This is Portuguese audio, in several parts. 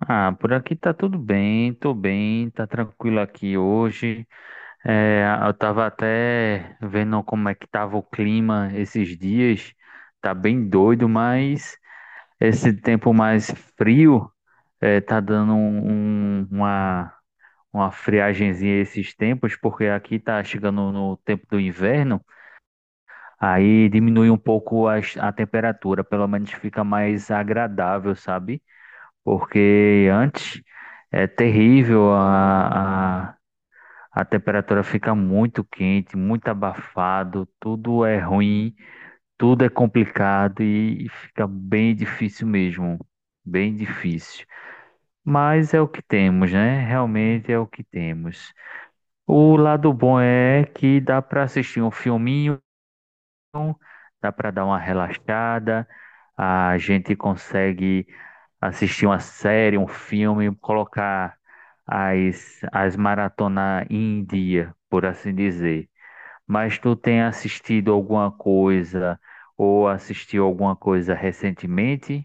Ah, por aqui tá tudo bem, tô bem, tá tranquilo aqui hoje. É, eu tava até vendo como é que tava o clima esses dias. Tá bem doido, mas esse tempo mais frio tá dando uma friagenzinha esses tempos, porque aqui tá chegando no tempo do inverno, aí diminui um pouco a temperatura, pelo menos fica mais agradável, sabe? Porque antes é terrível, a temperatura fica muito quente, muito abafado, tudo é ruim, tudo é complicado e fica bem difícil mesmo, bem difícil. Mas é o que temos, né? Realmente é o que temos. O lado bom é que dá para assistir um filminho então, dá para dar uma relaxada, a gente consegue assistir uma série, um filme, colocar as maratona em dia, por assim dizer. Mas tu tem assistido alguma coisa ou assistiu alguma coisa recentemente?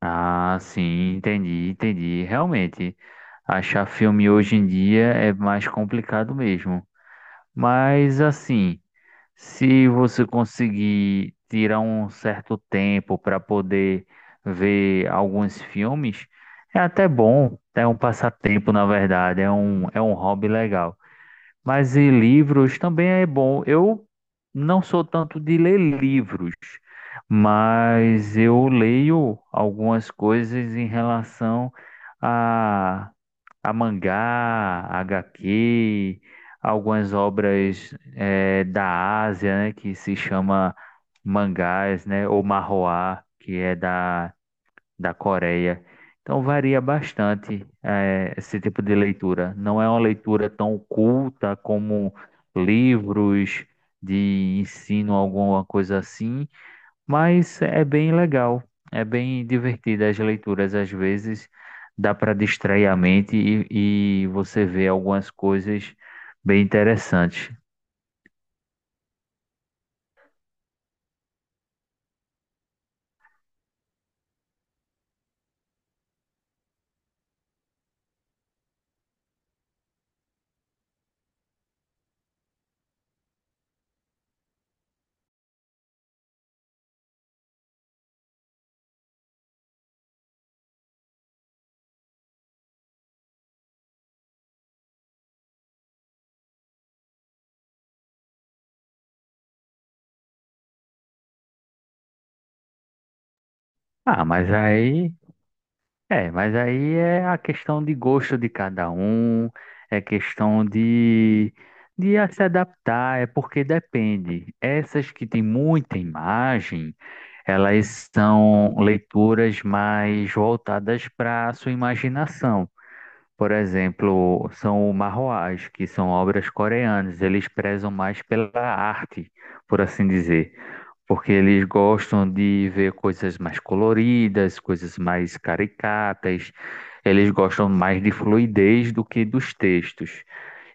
Ah, sim, entendi, entendi. Realmente, achar filme hoje em dia é mais complicado mesmo. Mas assim, se você conseguir tirar um certo tempo para poder ver alguns filmes, é até bom, é um passatempo, na verdade, é um hobby legal. Mas e livros também é bom. Eu não sou tanto de ler livros, mas eu leio algumas coisas em relação a mangá, HQ, algumas obras da Ásia, né, que se chama mangás, né, ou manhwa, que é da Coreia. Então varia bastante esse tipo de leitura. Não é uma leitura tão culta como livros de ensino, alguma coisa assim, mas é bem legal, é bem divertida as leituras. Às vezes dá para distrair a mente e você vê algumas coisas bem interessantes. Ah, mas aí. É, mas aí é a questão de gosto de cada um, é questão de a se adaptar, é porque depende. Essas que têm muita imagem, elas são leituras mais voltadas para a sua imaginação. Por exemplo, são o manhwas, que são obras coreanas. Eles prezam mais pela arte, por assim dizer, porque eles gostam de ver coisas mais coloridas, coisas mais caricatas. Eles gostam mais de fluidez do que dos textos.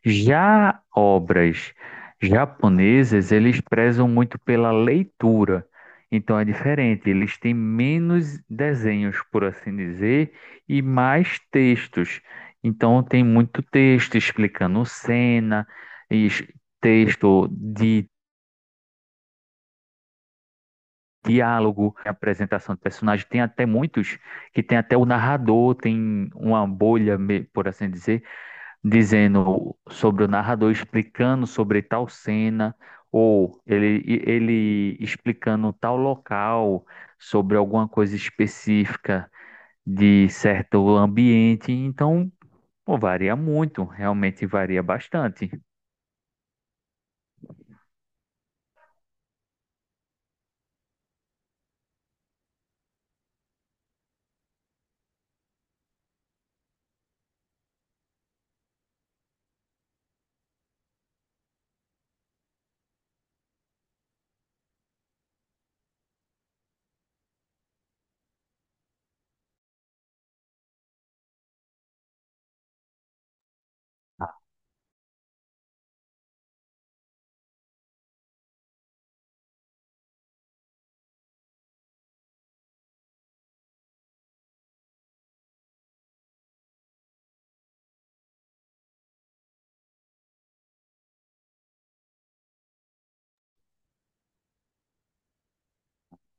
Já obras japonesas, eles prezam muito pela leitura. Então é diferente, eles têm menos desenhos, por assim dizer, e mais textos. Então tem muito texto explicando cena, e texto de diálogo, apresentação de personagem. Tem até muitos que tem até o narrador, tem uma bolha, por assim dizer, dizendo sobre o narrador explicando sobre tal cena, ou ele explicando tal local, sobre alguma coisa específica de certo ambiente. Então, pô, varia muito, realmente varia bastante.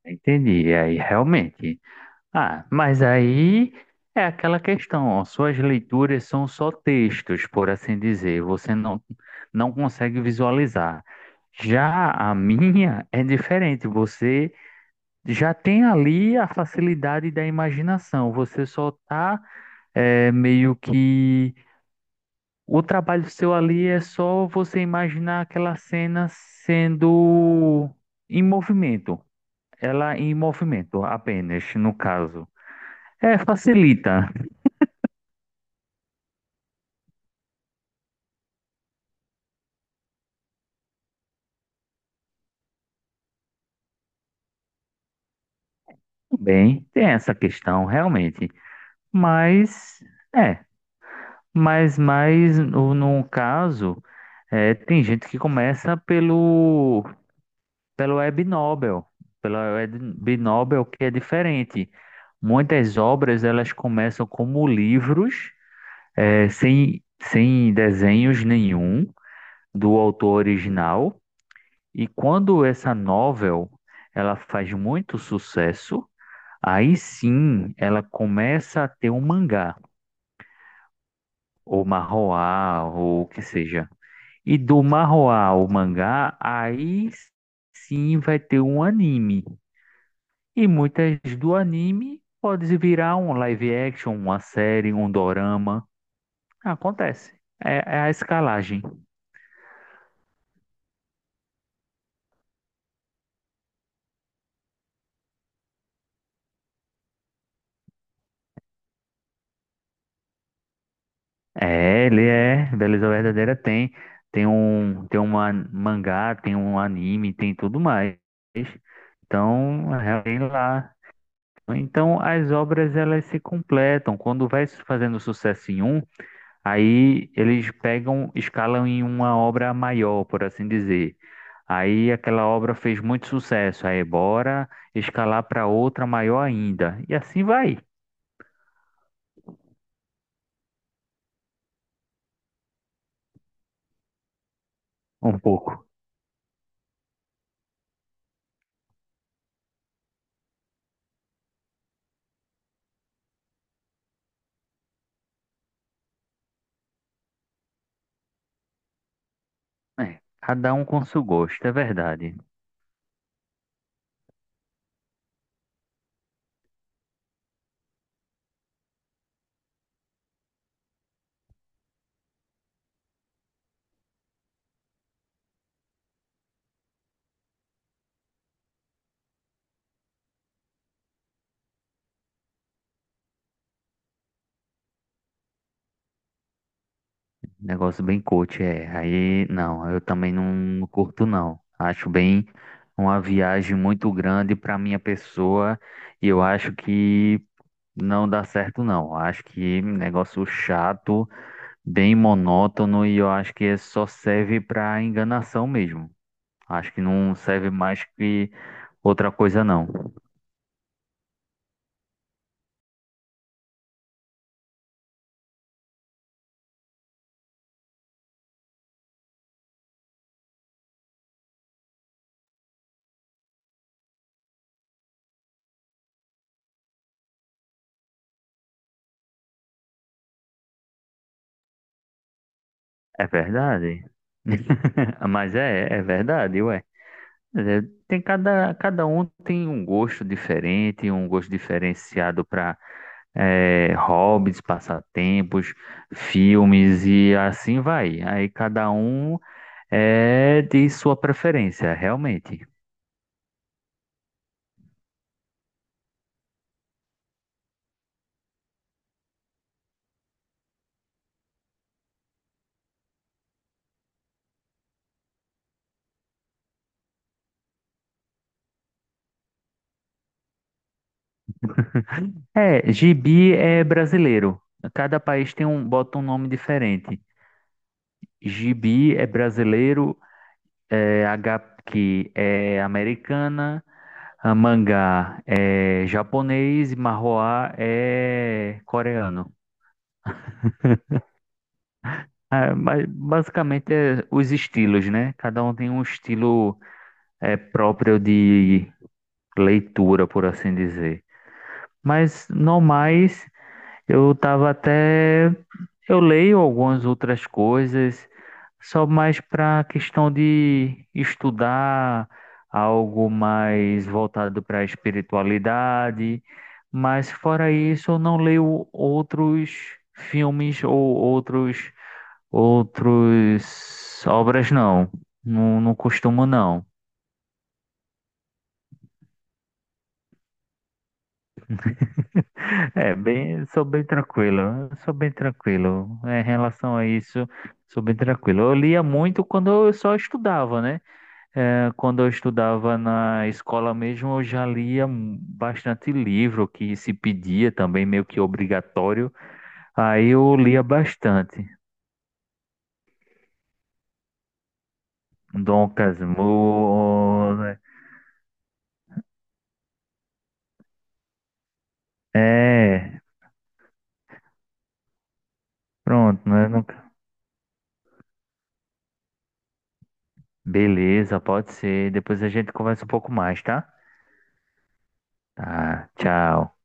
Entendi. E aí, realmente. Ah, mas aí é aquela questão, ó, suas leituras são só textos, por assim dizer, você não, não consegue visualizar. Já a minha é diferente, você já tem ali a facilidade da imaginação, você só tá meio que. O trabalho seu ali é só você imaginar aquela cena sendo em movimento, ela em movimento apenas, no caso. É, facilita. Bem, tem essa questão realmente, mas é, mas no caso tem gente que começa pelo Web Nobel, pela Web Nobel que é diferente. Muitas obras elas começam como livros sem desenhos nenhum do autor original e quando essa novel ela faz muito sucesso. Aí sim, ela começa a ter um mangá, ou manhwa, ou o que seja. E do manhwa ao mangá, aí sim vai ter um anime. E muitas do anime pode virar um live action, uma série, um dorama. Acontece. É, é a escalagem. É, ele é, Beleza Verdadeira tem. Tem uma mangá, tem um anime, tem tudo mais. Então, realmente lá. Então, as obras elas se completam. Quando vai fazendo sucesso em um, aí eles pegam, escalam em uma obra maior, por assim dizer. Aí aquela obra fez muito sucesso, aí bora escalar para outra maior ainda. E assim vai um pouco. É, cada um com seu gosto, é verdade. Negócio bem coach, é. Aí, não, eu também não curto, não. Acho bem uma viagem muito grande para minha pessoa. E eu acho que não dá certo, não. Acho que negócio chato, bem monótono e eu acho que só serve para enganação mesmo. Acho que não serve mais que outra coisa, não. É verdade. Mas é, é verdade, ué. É, tem cada um tem um gosto diferente, um gosto diferenciado para hobbies, passatempos, filmes e assim vai. Aí cada um é de sua preferência, realmente. É, gibi é brasileiro. Cada país tem um, bota um nome diferente. Gibi é brasileiro, é, HQ é americana, a mangá é japonês e manhwa é coreano. É, basicamente é os estilos, né? Cada um tem um estilo próprio de leitura, por assim dizer. Mas, no mais, eu tava até. Eu leio algumas outras coisas, só mais para questão de estudar algo mais voltado para a espiritualidade, mas fora isso, eu não leio outros filmes ou outros obras não. Não, não costumo não. É, bem, sou bem tranquilo, eu sou bem tranquilo. É, em relação a isso, sou bem tranquilo. Eu lia muito quando eu só estudava, né? É, quando eu estudava na escola mesmo, eu já lia bastante livro que se pedia também, meio que obrigatório. Aí eu lia bastante. Dom Casmurro, né? É, pronto, né? Nunca- Beleza, pode ser. Depois a gente conversa um pouco mais, tá? Tá, tchau.